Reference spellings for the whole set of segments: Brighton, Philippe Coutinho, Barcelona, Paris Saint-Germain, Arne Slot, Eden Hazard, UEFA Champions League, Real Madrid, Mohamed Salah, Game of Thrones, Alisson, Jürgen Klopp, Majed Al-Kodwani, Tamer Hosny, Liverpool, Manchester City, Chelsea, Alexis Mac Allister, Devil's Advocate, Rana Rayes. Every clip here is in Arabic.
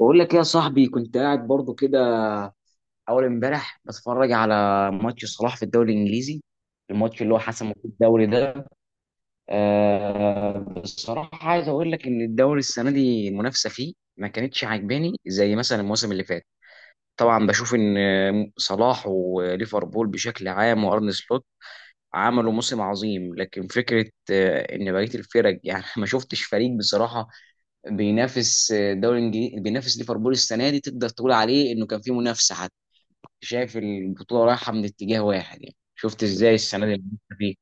بقول لك إيه يا صاحبي؟ كنت قاعد برضو كده اول امبارح بتفرج على ماتش صلاح في الدوري الانجليزي، الماتش اللي هو حسمه في الدوري ده. أه بصراحه عايز اقول لك ان الدوري السنه دي المنافسه فيه ما كانتش عاجباني زي مثلا الموسم اللي فات. طبعا بشوف ان صلاح وليفربول بشكل عام وارن سلوت عملوا موسم عظيم، لكن فكره ان بقيه الفرق يعني ما شفتش فريق بصراحه بينافس الدوري الانجليزي، بينافس ليفربول السنه دي تقدر تقول عليه انه كان في منافسه حتى. شايف البطوله رايحه من اتجاه واحد، يعني شفت ازاي السنه دي المنافسة فيه.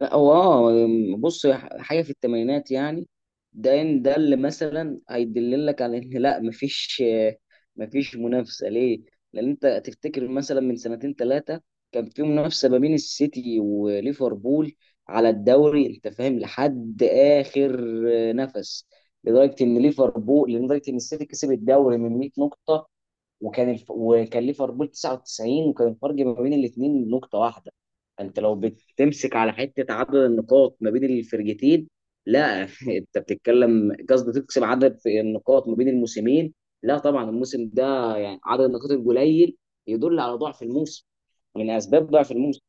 لا هو اه، بص حاجه في الثمانينات يعني، ده ده اللي مثلا هيدللك على ان لا مفيش، مفيش منافسه ليه؟ لان انت تفتكر مثلا من سنتين ثلاثه كان في منافسه ما بين السيتي وليفربول على الدوري، انت فاهم؟ لحد اخر نفس، لدرجه ان ليفربول، لدرجه ان السيتي كسب الدوري من 100 نقطه وكان وكان ليفربول 99 وكان الفرق ما بين الاثنين نقطة واحدة. فانت لو بتمسك على حتة عدد النقاط ما بين الفرقتين، لا انت بتتكلم، قصدي تقسم عدد في النقاط ما بين الموسمين. لا طبعا الموسم ده يعني عدد النقاط القليل يدل على ضعف الموسم، من اسباب ضعف الموسم.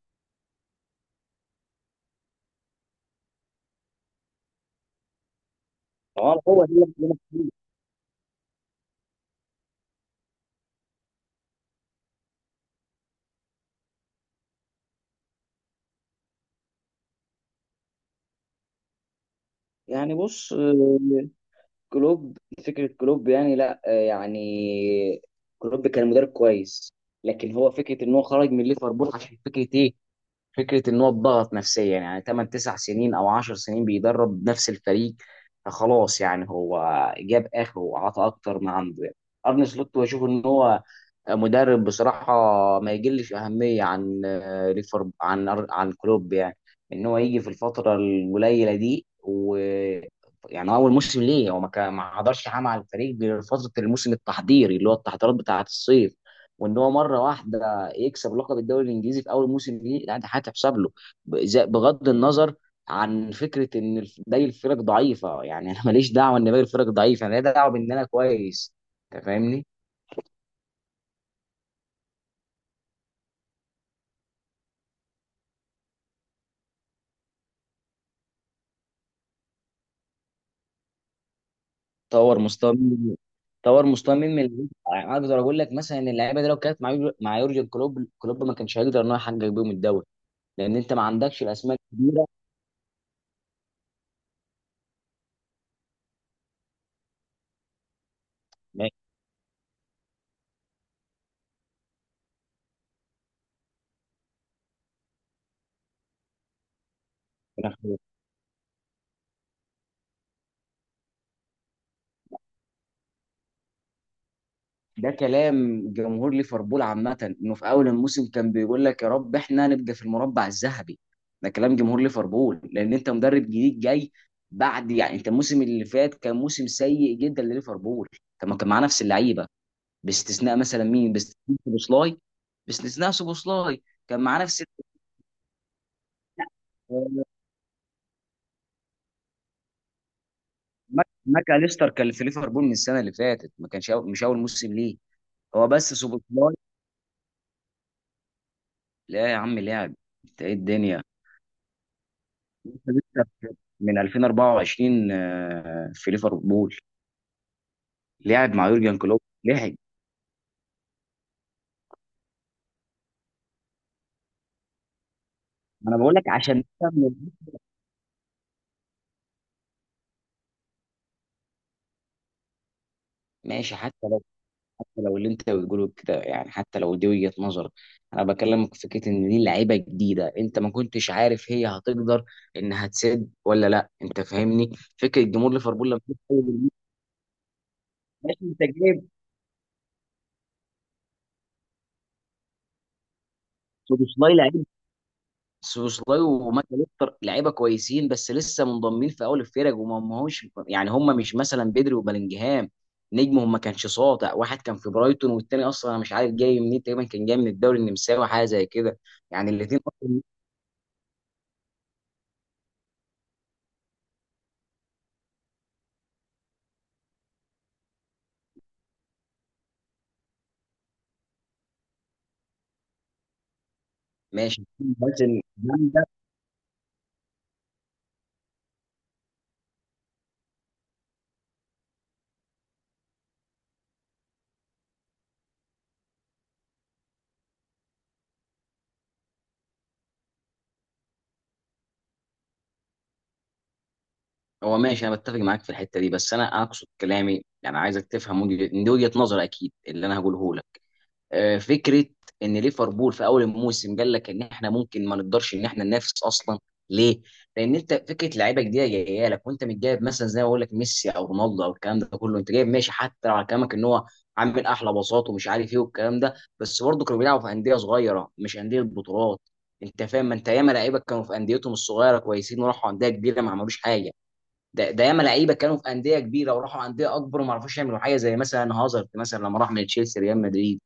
طبعا هو ده يعني بص، كلوب، فكرة كلوب يعني لا يعني كلوب كان مدرب كويس، لكن هو فكرة ان هو خرج من ليفربول عشان فكرة ايه؟ فكره ان هو اتضغط نفسيا يعني 8 9 سنين او 10 سنين بيدرب نفس الفريق. فخلاص يعني هو جاب اخره وعطى اكتر ما عنده يعني. ارني سلوت بشوف ان هو مدرب بصراحه ما يجلش اهميه عن ليفر، عن كلوب يعني. ان هو يجي في الفتره القليله دي و يعني اول موسم ليه هو ما حضرش حاجه مع الفريق غير فتره الموسم التحضيري اللي هو التحضيرات بتاعه الصيف، وان هو مره واحده يكسب لقب الدوري الانجليزي في اول موسم ليه. لا ده هتحسب له بغض النظر عن فكره ان باقي الفرق ضعيفه. يعني انا ماليش دعوه ان باقي الفرق ضعيفه، انا ليا دعوه بان انا كويس، انت فاهمني؟ طور مستوى مين- طور مستوى مين من اللعيبة. يعني اقدر اقول لك مثلا ان اللعيبه دي لو كانت مع مع يورجن كلوب، كلوب ما كانش هيقدر ان هو يحقق بيهم الدوري لان انت ما عندكش الاسماء الكبيره. ده كلام جمهور ليفربول عامة، انه في اول الموسم كان بيقول لك يا رب احنا نبقى في المربع الذهبي. ده كلام جمهور ليفربول لان انت مدرب جديد جاي بعد يعني انت الموسم اللي فات كان موسم سيء جدا لليفربول. طب ما كان معاه نفس اللعيبه، باستثناء مثلا مين؟ باستثناء سوبوسلاي. باستثناء سوبوسلاي كان معاه نفس، ماك ماك أليستر كان في ليفربول من السنه اللي فاتت، ما كانش مش اول موسم ليه. هو بس سوبوسلاي. لا يا عم لاعب، انت ايه الدنيا، من 2024 في ليفربول، لعب مع يورجن كلوب لعب. ما انا بقول لك عشان كده ماشي، حتى لو، حتى لو اللي انت بتقوله كده، يعني حتى لو دي وجهة نظرك، انا بكلمك في فكره ان دي لعيبه جديده، انت ما كنتش عارف هي هتقدر انها تسد ولا لا، انت فاهمني؟ فكره جمهور ليفربول لما يدخل الماتش، ماشي انت جايب سوبوسلاي لعيب، سوشلاي وماكاليستر لعيبه كويسين بس لسه منضمين في اول الفرق، وما ما هوش يعني، هم مش مثلا بدري وبلينجهام، نجمهم ما كانش ساطع. واحد كان في برايتون والتاني اصلا انا مش عارف جاي منين، تقريبا كان جاي من الدوري النمساوي حاجه زي كده. يعني الاثنين اصلا ماشي بس إن جامدة. هو ماشي انا بتفق معاك في الحته دي، بس انا اقصد كلامي، يعني عايزك تفهم دي وجهه نظر اكيد اللي انا هقوله لك. فكره ان ليفربول في اول الموسم قال لك ان احنا ممكن ما نقدرش ان احنا ننافس اصلا. ليه؟ لان انت فكره لعيبه جديده جايه لك، وانت مش جايب مثلا زي ما بقول لك ميسي او رونالدو او الكلام ده كله. انت جايب ماشي حتى على كلامك ان هو عامل احلى باصات ومش عارف ايه والكلام ده، بس برضه كانوا بيلعبوا في انديه صغيره مش انديه بطولات. انت فاهم، ما انت ياما لعيبه كانوا في انديتهم الصغيره كويسين وراحوا انديه كبيره ما عملوش حاجه. ده ياما لعيبه كانوا في انديه كبيره وراحوا انديه اكبر وما عرفوش يعملوا حاجه زي مثلا هازارد مثلا لما راح من تشيلسي ريال مدريد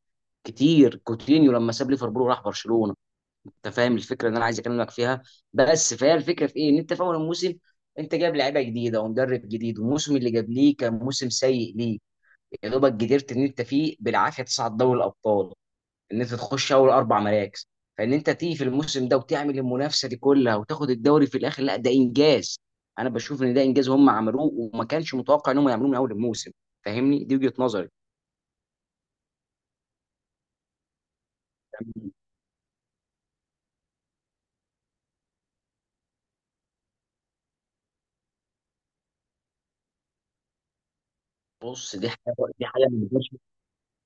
كتير، كوتينيو لما ساب ليفربول وراح برشلونه. انت فاهم الفكره اللي انا عايز اكلمك فيها؟ بس فهي الفكره في ايه؟ ان انت في اول الموسم انت جايب لعيبه جديده ومدرب جديد والموسم اللي جاب ليه كان موسم سيء ليه، يا دوبك قدرت ان انت فيه بالعافيه تصعد دوري الابطال، ان انت تخش اول اربع مراكز. فان انت تيجي في الموسم ده وتعمل المنافسه دي كلها وتاخد الدوري في الاخر، لا ده انجاز. انا بشوف ان ده انجاز هم عملوه وما كانش متوقع ان هم يعملوه من اول الموسم. فاهمني؟ دي وجهه نظري. بص دي حاجه، دي حاجه،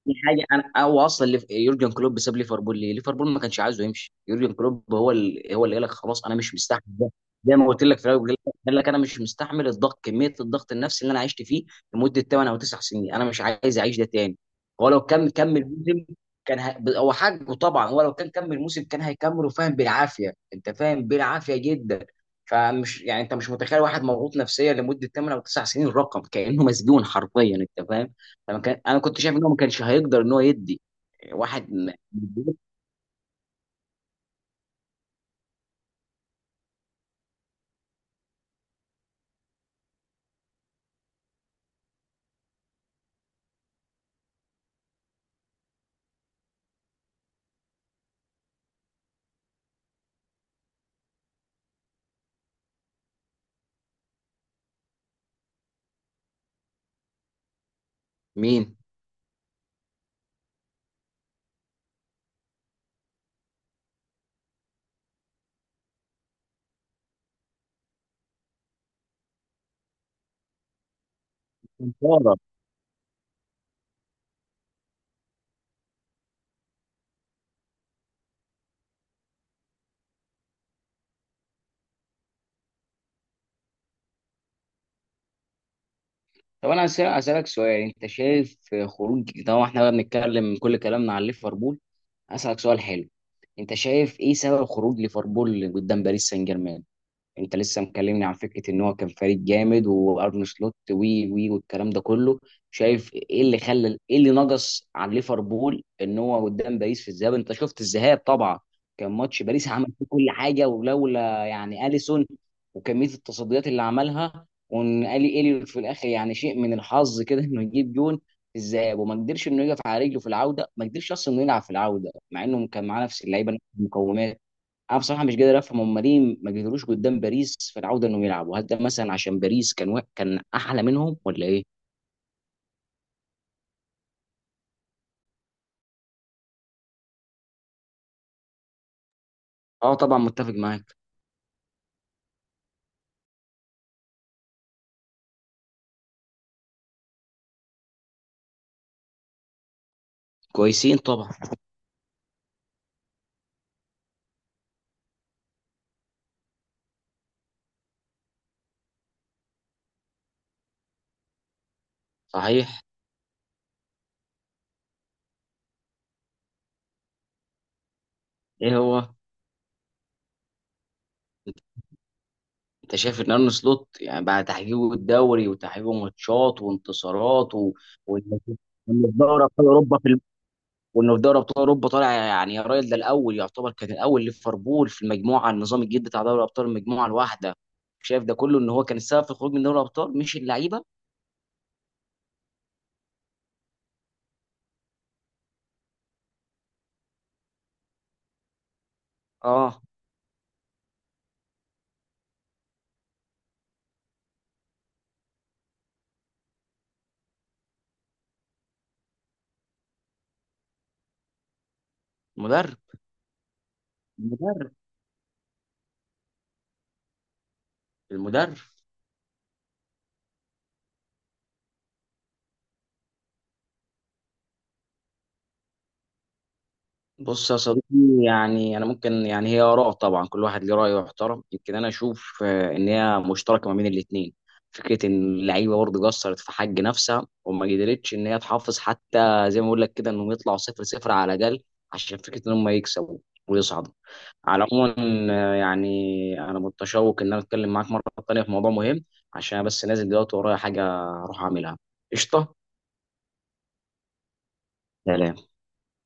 دي حاجه انا هو اصلا، اللي يورجن كلوب ساب ليفربول ليه؟ ليفربول ما كانش عايزه يمشي يورجن كلوب، هو اللي قال لك خلاص انا مش مستحمل ده. زي ما قلت لك في الاول، قال لك انا مش مستحمل الضغط، كميه الضغط النفسي اللي انا عشت فيه لمده 8 او 9 سنين، انا مش عايز اعيش ده تاني. هو لو كان كمل موسم كان هو حاجه، طبعا هو لو كان كمل موسم كان هيكمله فاهم بالعافيه، انت فاهم بالعافيه جدا. فمش يعني انت مش متخيل واحد مضغوط نفسيا لمده 8 او 9 سنين، رقم كانه مسجون حرفيا، انت فاهم؟ لما كان انا كنت شايف ان هو ما كانش هيقدر ان هو يدي واحد مين كفارة. طب هسألك سؤال. انت شايف خروج، طبعا احنا بقى بنتكلم كل كلامنا عن ليفربول، هسألك سؤال حلو، انت شايف ايه سبب خروج ليفربول قدام باريس سان جيرمان؟ انت لسه مكلمني عن فكره ان هو كان فريق جامد وارن سلوت وي والكلام ده كله، شايف ايه اللي خلى، ايه اللي نقص عن ليفربول ان هو قدام باريس في الذهاب؟ انت شفت الذهاب طبعا، كان ماتش باريس عمل فيه كل حاجه، ولولا يعني اليسون وكميه التصديات اللي عملها، وان الي في الاخر يعني شيء من الحظ كده انه يجيب جون في الذهاب. وما قدرش انه يقف على رجله في العوده، ما قدرش اصلا انه يلعب في العوده مع انه كان معاه نفس اللعيبه نفس المقومات. انا بصراحه مش قادر افهم هم ليه ما قدروش قدام باريس في العوده انهم يلعبوا. هل ده مثلا عشان باريس كان احلى منهم ولا ايه؟ اه طبعا متفق معاك. كويسين طبعا. صحيح. ايه هو؟ انت شايف ان ارن سلوت يعني بعد تحقيقه الدوري وتحقيقه ماتشات وانتصارات و... وانه وإنه في دوري ابطال اوروبا في وانه في دوري ابطال اوروبا طالع يعني، يا راجل ده الاول يعتبر، كان الاول ليفربول في المجموعه، النظام الجديد بتاع دوري ابطال المجموعه الواحده، شايف ده كله ان هو كان السبب في الخروج من دوري الابطال مش اللعيبه؟ اه. المدرب، المدرب، المدرب. بص يا صديقي، يعني انا ممكن، يعني هي اراء طبعا كل واحد ليه راي يحترم، يمكن انا اشوف ان هي مشتركه ما بين الاثنين. فكره ان اللعيبه برضه قصرت في حق نفسها وما قدرتش ان هي تحافظ، حتى زي ما اقول لك كده، انهم يطلعوا صفر صفر على الاقل عشان فكره ان هم يكسبوا ويصعدوا. على العموم يعني انا متشوق ان انا اتكلم معاك مره ثانيه في موضوع مهم، عشان أنا بس نازل دلوقتي ورايا حاجه اروح اعملها. قشطه.